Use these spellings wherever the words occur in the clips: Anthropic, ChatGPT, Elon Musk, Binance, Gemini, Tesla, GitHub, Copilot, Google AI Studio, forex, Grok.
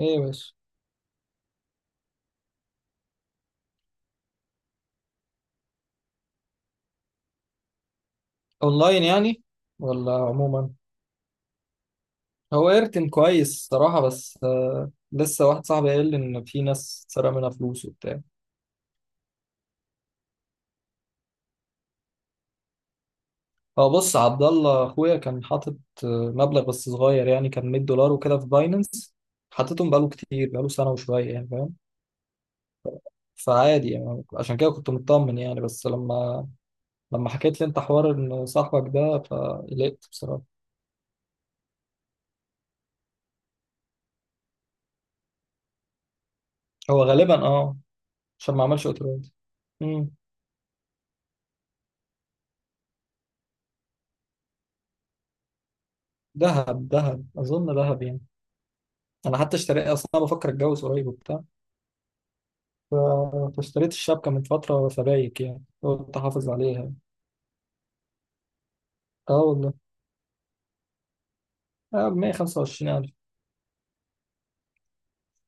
ايه بس. اونلاين يعني، ولا عموما؟ هو ايرتن كويس صراحة، بس لسه واحد صاحبي قال لي ان في ناس سرق منها فلوس وبتاع. هو بص، عبد الله اخويا كان حاطط آه، مبلغ بس صغير، يعني كان $100 وكده في باينانس، حطيتهم بقاله كتير، بقاله سنة وشوية يعني فاهم. فعادي يعني، عشان كده كنت مطمن يعني، بس لما حكيت لي انت حوار ان صاحبك ده فقلقت بصراحة. هو غالبا اه، عشان ما عملش اوتوريت. مم. دهب دهب اظن دهب يعني. انا حتى اشتريت اصلا، أنا بفكر اتجوز قريب وبتاع، فاشتريت الشبكه من فتره فبايك، يعني قلت احافظ عليها. اه والله. اه، ب 125,000.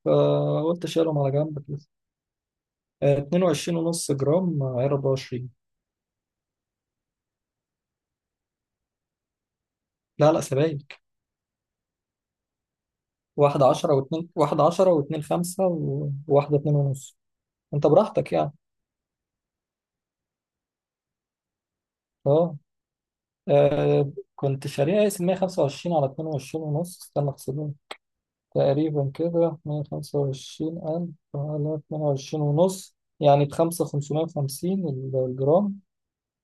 فقلت اشيلهم على جنب كده. 22 ونص جرام، 24. لا لا، سبايك. واحدة عشرة واتنين، واحدة عشرة واتنين خمسة وواحدة اتنين ونص. انت براحتك يعني. اه، كنت شاريها اس 125 على 22 ونص. استنى احسبها. تقريبا كده 125,000 على اتنين وعشرين ونص، يعني بخمسة 550 الجرام.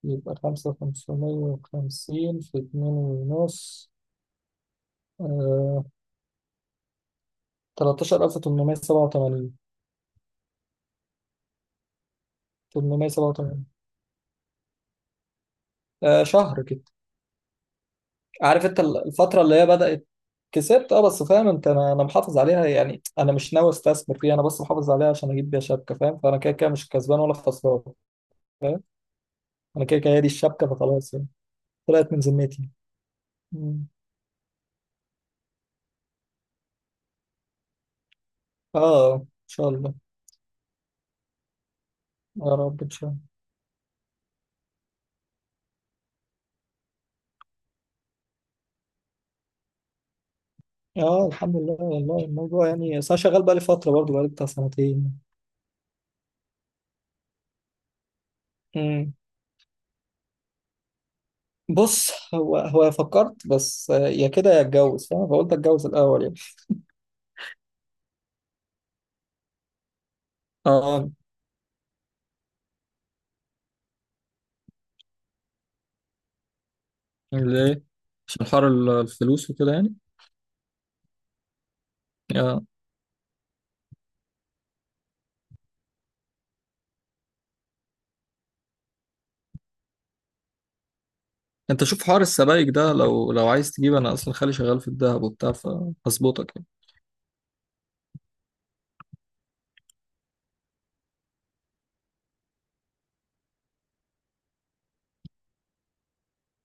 يبقى خمسة خمسمية وخمسين في اتنين ونص، 13,887. 887. آه، شهر كده. عارف أنت الفترة اللي هي بدأت. كسبت اه، بس فاهم انت، انا محافظ عليها، يعني انا مش ناوي استثمر فيها، انا بس محافظ عليها عشان اجيب بيها شبكه فاهم، فانا كده كده مش كسبان ولا خسران فاهم. انا كده كده هي دي الشبكه فخلاص يعني. طلعت من ذمتي. مم. اه، ان شاء الله. يا رب ان شاء الله. اه الحمد لله والله، الموضوع يعني بس انا شغال بقالي فتره برضه، بقالي بتاع سنتين. مم. بص، هو هو فكرت بس، يا كده يا اتجوز فاهم، فقلت اتجوز الاول يعني. اه. ليه؟ عشان حوار الفلوس وكده يعني. اه، انت شوف حوار السبائك ده، لو عايز تجيب انا اصلا خالي شغال في الذهب وبتاع، فهظبطك يعني.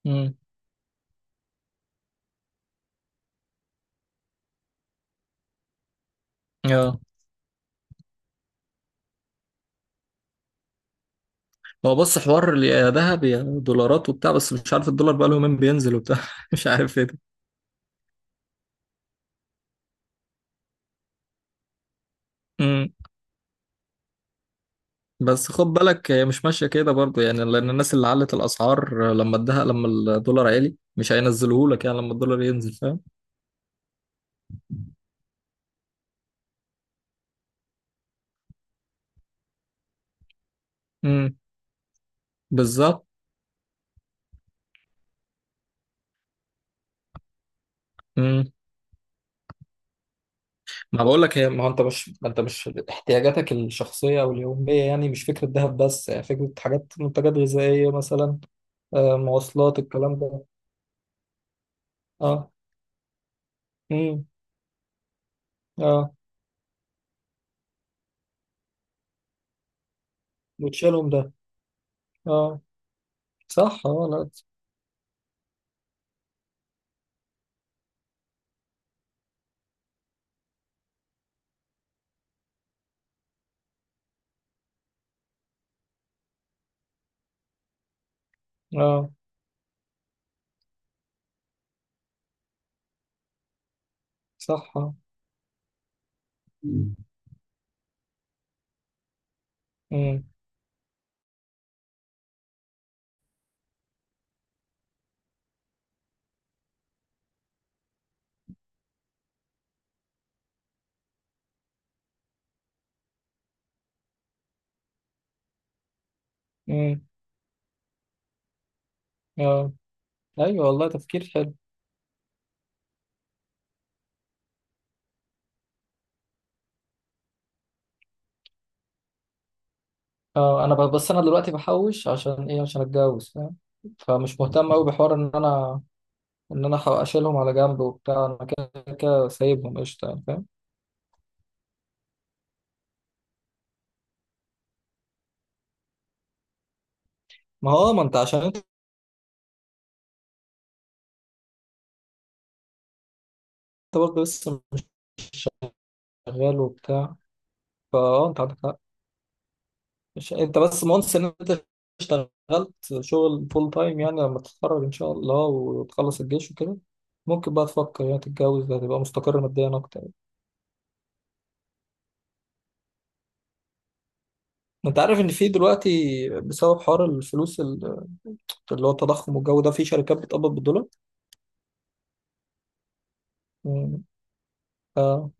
امم، اه. هو بص حوار يا ذهب يا دولارات وبتاع، بس مش عارف الدولار بقاله يومين بينزل وبتاع مش عارف ايه ده. بس خد بالك، هي مش ماشية كده برضو يعني، لأن الناس اللي علت الأسعار لما ادها، لما الدولار عالي مش هينزله لك يعني لما الدولار ينزل فاهم. امم، بالظبط. امم. ما بقول لك، هي ما هو انت مش احتياجاتك الشخصية واليومية يعني، مش فكرة ذهب بس، يعني فكرة حاجات، منتجات غذائية مثلا، مواصلات، الكلام ده. اه. امم. اه، وتشيلهم ده. اه صح. اه، لا. اه صح. اه. امم. امم. اه. ايوه والله، تفكير حلو. اه، انا بس انا دلوقتي بحوش، عشان ايه؟ عشان اتجوز فاهم، فمش مهتم قوي بحوار ان انا، اشيلهم على جنب وبتاع، انا كده كده سايبهم قشطه يعني فاهم. ما هو ما انت عشان انت برضه لسه شغال وبتاع. فاه، انت عندك حق. مش انت بس مونس ان انت اشتغلت شغل فول تايم، يعني لما تتخرج ان شاء الله وتخلص الجيش وكده، ممكن بقى تفكر يعني تتجوز، هتبقى مستقر ماديا اكتر. انت عارف ان في دلوقتي بسبب حوار الفلوس اللي هو التضخم والجو ده، في شركات بتقبض بالدولار. مم. اه،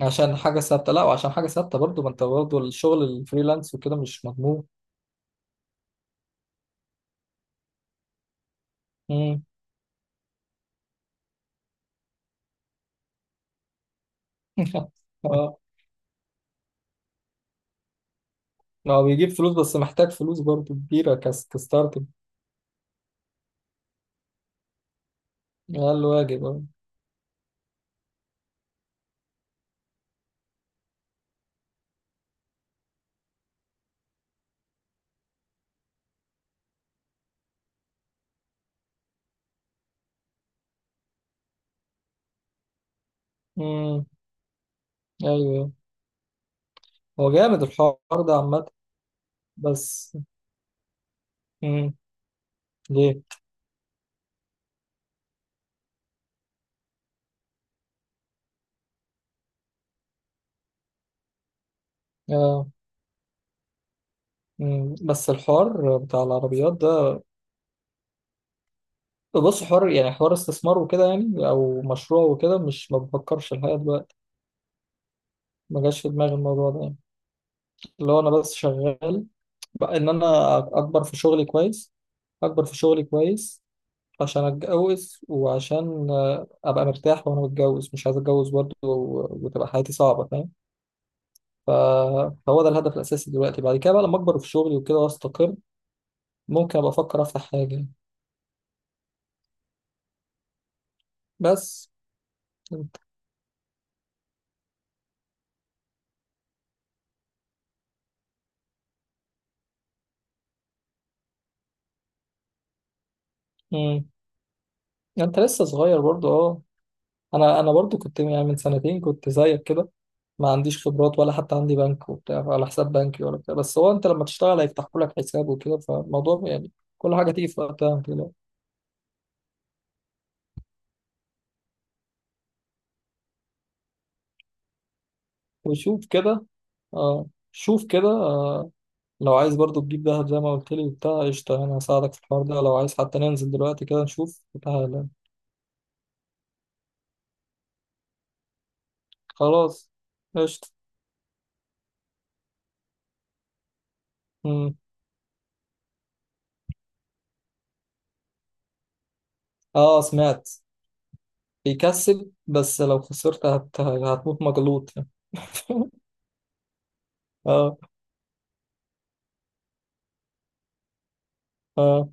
عشان حاجة ثابتة، لا وعشان حاجة ثابتة برضو، ما انت برضو الشغل الفريلانس وكده مش مضمون. مم. اه، ما هو بيجيب فلوس، بس محتاج فلوس برضو كبيرة، كستارت. ده الواجب اه. مم. ايوه، هو جامد الحوار ده عامة، بس. مم. ليه؟ اه. مم. بس الحوار بتاع العربيات ده، بص حوار يعني، حوار استثمار وكده يعني، او مشروع وكده، مش ما بفكرش الحقيقة دلوقتي. ما جاش في دماغي الموضوع ده يعني، اللي هو انا بس شغال بقى ان انا اكبر في شغلي كويس، اكبر في شغلي كويس، عشان اتجوز، وعشان ابقى مرتاح وانا متجوز، مش عايز اتجوز برضه وتبقى حياتي صعبه فاهم. ف- فهو ده الهدف الاساسي دلوقتي، بعد كده بقى لما اكبر في شغلي وكده واستقر ممكن ابقى افكر افتح حاجه. بس انت. مم. انت لسه صغير برضه اه. انا برضو كنت يعني من سنتين كنت زيك كده، ما عنديش خبرات ولا حتى عندي بنك وبتاع ولا حساب بنكي ولا بتاع، بس هو انت لما تشتغل هيفتحوا لك حساب وكده، فالموضوع يعني كل حاجه تيجي في وقتها ما تقلقش. وشوف كده اه. شوف كده، لو عايز برضو تجيب دهب زي ما قلت لي وبتاع قشطه، انا هساعدك في الحوار ده. لو عايز حتى ننزل دلوقتي كده نشوف، تعالى. خلاص، قشطه. مم. اه، سمعت. بيكسب، بس لو خسرت هتموت مجلوط يعني. اه، اه،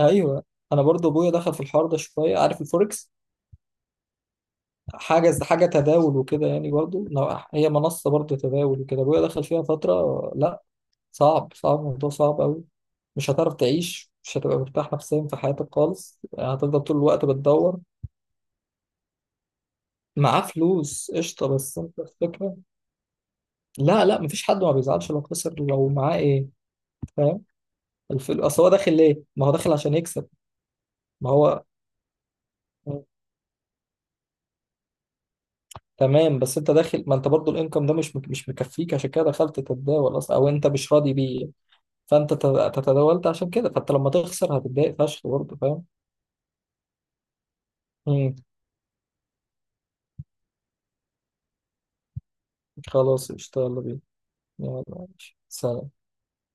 ايوه، انا برضو ابويا دخل في الحوار ده شويه، عارف الفوركس. حاجه، حاجه تداول وكده يعني، برضو هي منصه برضو تداول وكده، ابويا دخل فيها فتره، لا. صعب، صعب الموضوع صعب قوي. مش هتعرف تعيش، مش هتبقى مرتاح نفسيا في حياتك خالص، هتفضل طول الوقت بتدور. معاه فلوس قشطه، بس انت الفكره. لا لا، مفيش حد ما بيزعلش لو خسر، لو معاه ايه فاهم، الفل اصل هو داخل ليه؟ ما هو داخل عشان يكسب. ما هو تمام، بس انت داخل، ما انت برضو الانكم ده مش مكفيك، عشان كده دخلت تتداول اصلا، او انت مش راضي بيه. فانت تتداولت عشان كده، فانت لما تخسر هتتضايق فشخ برضه فاهم. امم. خلاص، اشتغل بيه. يلا ماشي. سلام.